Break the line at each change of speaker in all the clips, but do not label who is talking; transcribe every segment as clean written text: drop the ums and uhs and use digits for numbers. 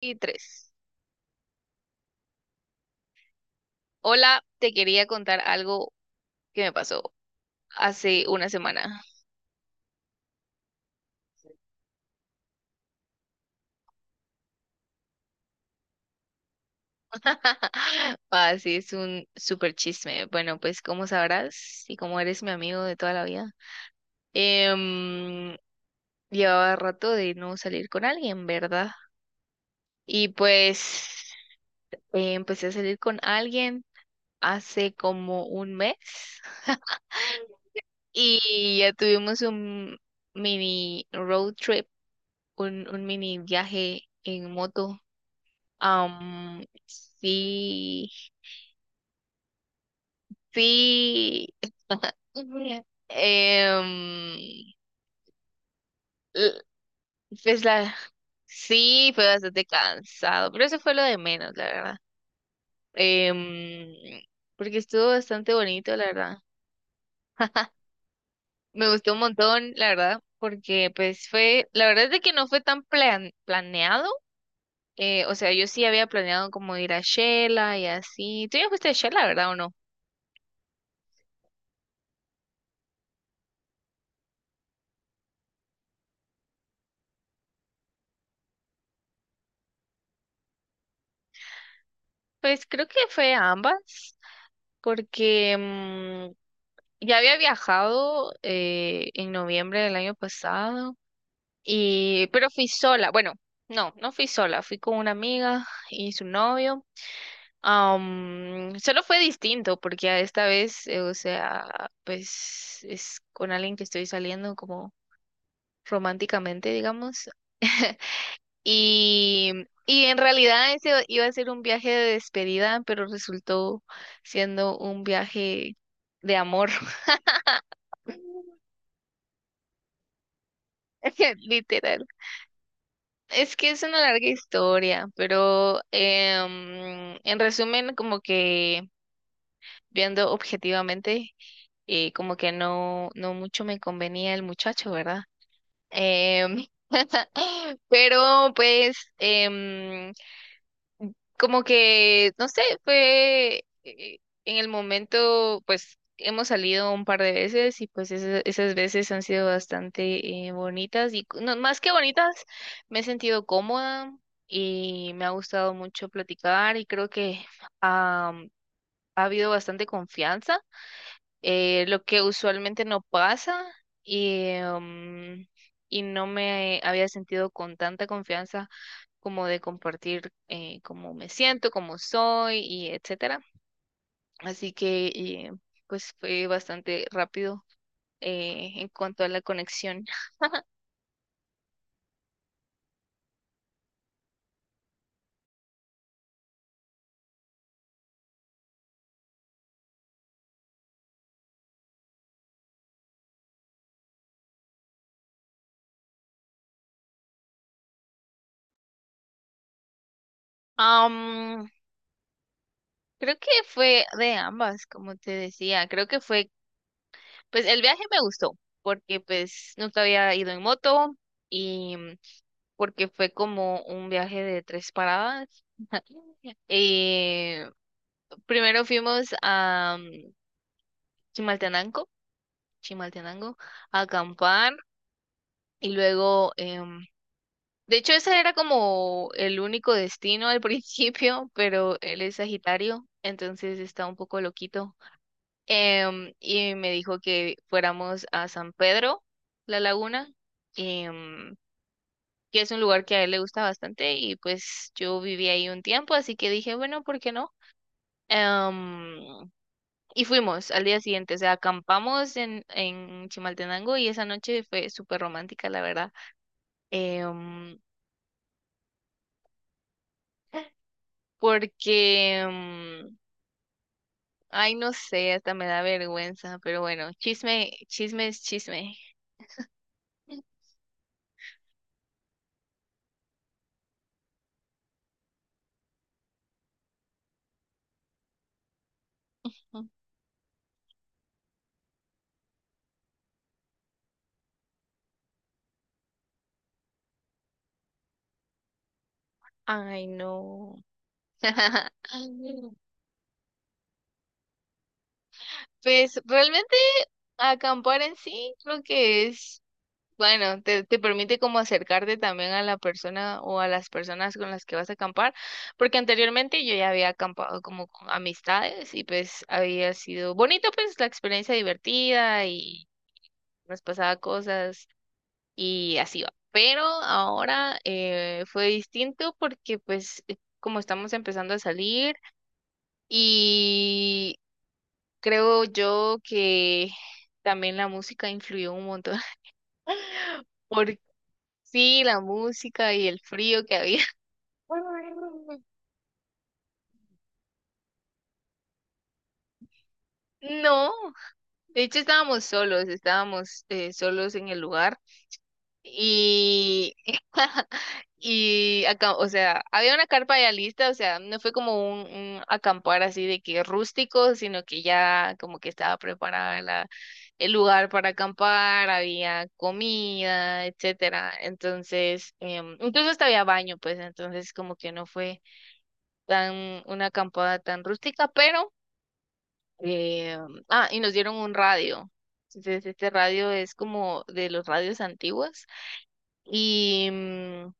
Y tres. Hola, te quería contar algo que me pasó hace una semana. Ah, sí, es un súper chisme. Bueno, pues como sabrás y como eres mi amigo de toda la vida, em, llevaba rato de no salir con alguien, ¿verdad? Y pues empecé a salir con alguien hace como un mes y ya tuvimos un mini road trip, un mini viaje en moto. Sí, sí. Em, l- pues la, sí, fue bastante cansado, pero eso fue lo de menos, la verdad. Em, Porque estuvo bastante bonito, la verdad. Me gustó un montón, la verdad, porque pues fue, la verdad es de que no fue tan planeado. O sea, yo sí había planeado como ir a Shela y así. ¿Tú ya fuiste a Shela, verdad o no? Pues creo que fue a ambas. Porque ya había viajado en noviembre del año pasado, y, pero fui sola. Bueno, no fui sola, fui con una amiga y su novio. Solo fue distinto porque a esta vez, o sea, pues es con alguien que estoy saliendo como románticamente, digamos. Y, y en realidad ese iba a ser un viaje de despedida, pero resultó siendo un viaje de amor. Literal. Es que es una larga historia, pero en resumen, como que viendo objetivamente, como que no, no mucho me convenía el muchacho, ¿verdad? Em, pero pues como que, no sé, fue en el momento, pues hemos salido un par de veces y pues esas veces han sido bastante bonitas y no, más que bonitas, me he sentido cómoda y me ha gustado mucho platicar y creo que am, ha habido bastante confianza, lo que usualmente no pasa y, y no me había sentido con tanta confianza como de compartir, cómo me siento, cómo soy y etcétera. Así que pues fue bastante rápido en cuanto a la conexión. Am, Creo que fue de ambas, como te decía, creo que fue. Pues el viaje me gustó porque pues nunca había ido en moto y porque fue como un viaje de tres paradas. Eh, primero fuimos a Chimaltenango, Chimaltenango, a acampar y luego, de hecho ese era como el único destino al principio, pero él es Sagitario, entonces está un poco loquito. Y me dijo que fuéramos a San Pedro, la laguna, em, que es un lugar que a él le gusta bastante y pues yo viví ahí un tiempo, así que dije, bueno, ¿por qué no? Em, y fuimos al día siguiente, o sea, acampamos en Chimaltenango y esa noche fue súper romántica, la verdad. Em, Porque, ay, no sé, hasta me da vergüenza, pero bueno, chisme, chisme es chisme. Ay, no. Pues realmente acampar en sí creo que es, bueno, te permite como acercarte también a la persona o a las personas con las que vas a acampar, porque anteriormente yo ya había acampado como con amistades y pues había sido bonito, pues la experiencia divertida y nos pasaba cosas y así va. Pero ahora fue distinto porque pues como estamos empezando a salir, y creo yo que también la música influyó un montón. Por sí, la música y el frío que había. No, de hecho estábamos solos en el lugar. Y, y acá, o sea, había una carpa ya lista, o sea, no fue como un acampar así de que rústico, sino que ya como que estaba preparada el lugar para acampar, había comida, etcétera. Entonces, incluso hasta había baño, pues, entonces como que no fue tan una acampada tan rústica, pero eh, ah, y nos dieron un radio. Entonces, este radio es como de los radios antiguos. Y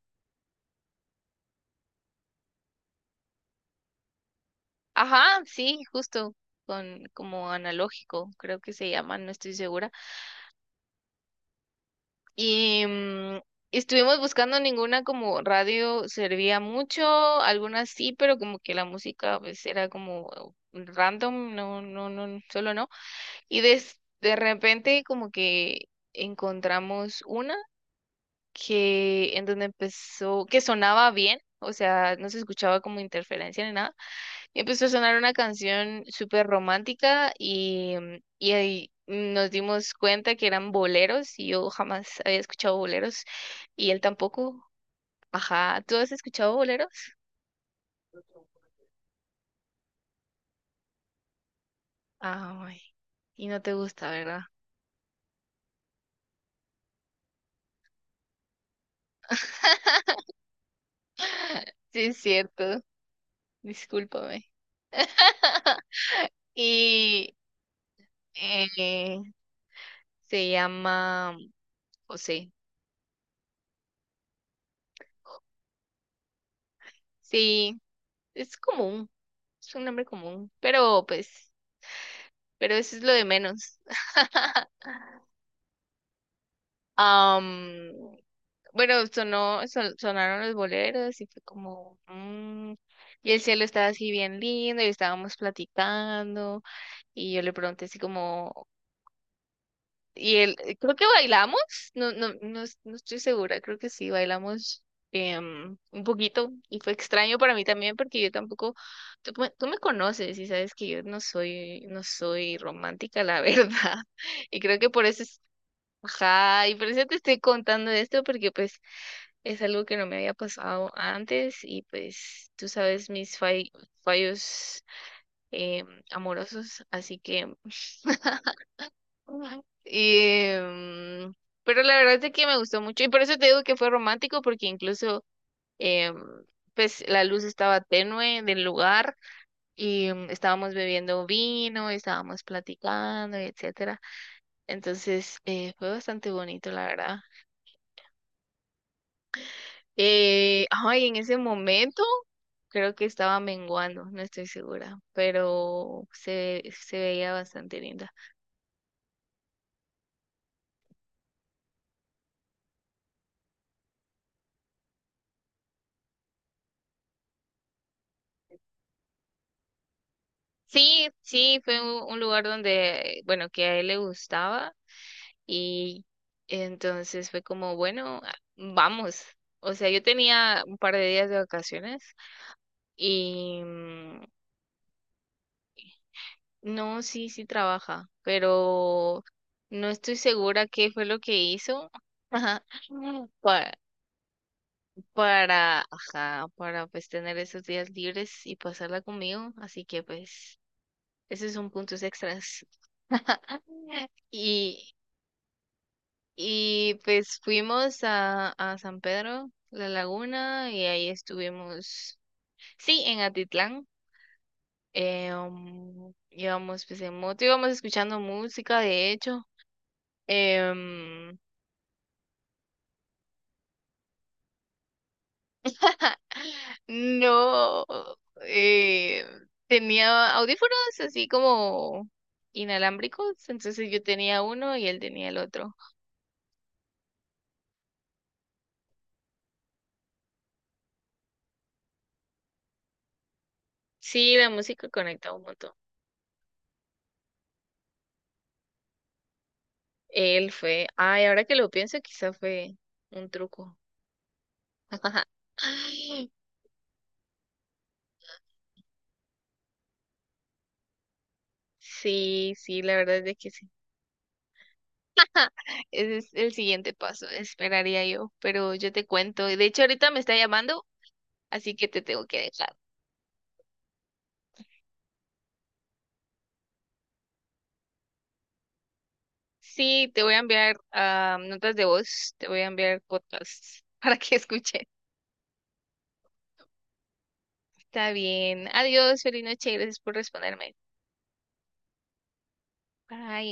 ajá, sí, justo, con como analógico, creo que se llama, no estoy segura. Y estuvimos buscando, ninguna como radio servía mucho, algunas sí, pero como que la música pues era como random, no, no, no, solo no. Y de repente como que encontramos una que en donde empezó, que sonaba bien, o sea, no se escuchaba como interferencia ni nada. Y empezó a sonar una canción súper romántica y, y ahí nos dimos cuenta que eran boleros y yo jamás había escuchado boleros y él tampoco. Ajá, ¿tú has escuchado boleros? Ay, y no te gusta, ¿verdad? Sí, es cierto, discúlpame. Y eh, se llama José. Sí, es común, es un nombre común, pero pues, pero eso es lo de menos. Am, bueno, sonó, sonaron los boleros y fue como, y el cielo estaba así bien lindo y estábamos platicando y yo le pregunté así como, y él, creo que bailamos, no, no, no, no estoy segura, creo que sí, bailamos un poquito y fue extraño para mí también porque yo tampoco, tú, tú me conoces y sabes que yo no soy, no soy romántica, la verdad, y creo que por eso ajá, y por eso te estoy contando esto, porque pues es algo que no me había pasado antes y pues tú sabes mis fallos amorosos, así que... Y, em, pero la verdad es que me gustó mucho y por eso te digo que fue romántico, porque incluso em, pues la luz estaba tenue del lugar y estábamos bebiendo vino, estábamos platicando, etcétera. Entonces fue bastante bonito, la verdad. Ay, en ese momento creo que estaba menguando, no estoy segura, pero se veía bastante linda. Sí, sí, fue un lugar donde, bueno, que a él le gustaba y entonces fue como, bueno, a- vamos. O sea, yo tenía un par de días de vacaciones y no, sí, sí trabaja, pero no estoy segura qué fue lo que hizo. pa- para, ajá, para pues tener esos días libres y pasarla conmigo, así que pues esos son puntos extras. Y, y pues fuimos a San Pedro, la laguna, y ahí estuvimos, sí, en Atitlán. Um, íbamos pues en moto, íbamos escuchando música, de hecho. Em, No, eh, tenía audífonos así como inalámbricos, entonces yo tenía uno y él tenía el otro. Sí, la música conectaba un montón. Él fue, ay, ahora que lo pienso, quizá fue un truco. Sí, sí, la verdad es de que sí. Ese es el siguiente paso, esperaría yo, pero yo te cuento. De hecho, ahorita me está llamando, así que te tengo que dejar. Sí, te voy a enviar notas de voz, te voy a enviar podcasts para que escuches. Está bien. Adiós, feliz noche, gracias por responderme. Bye.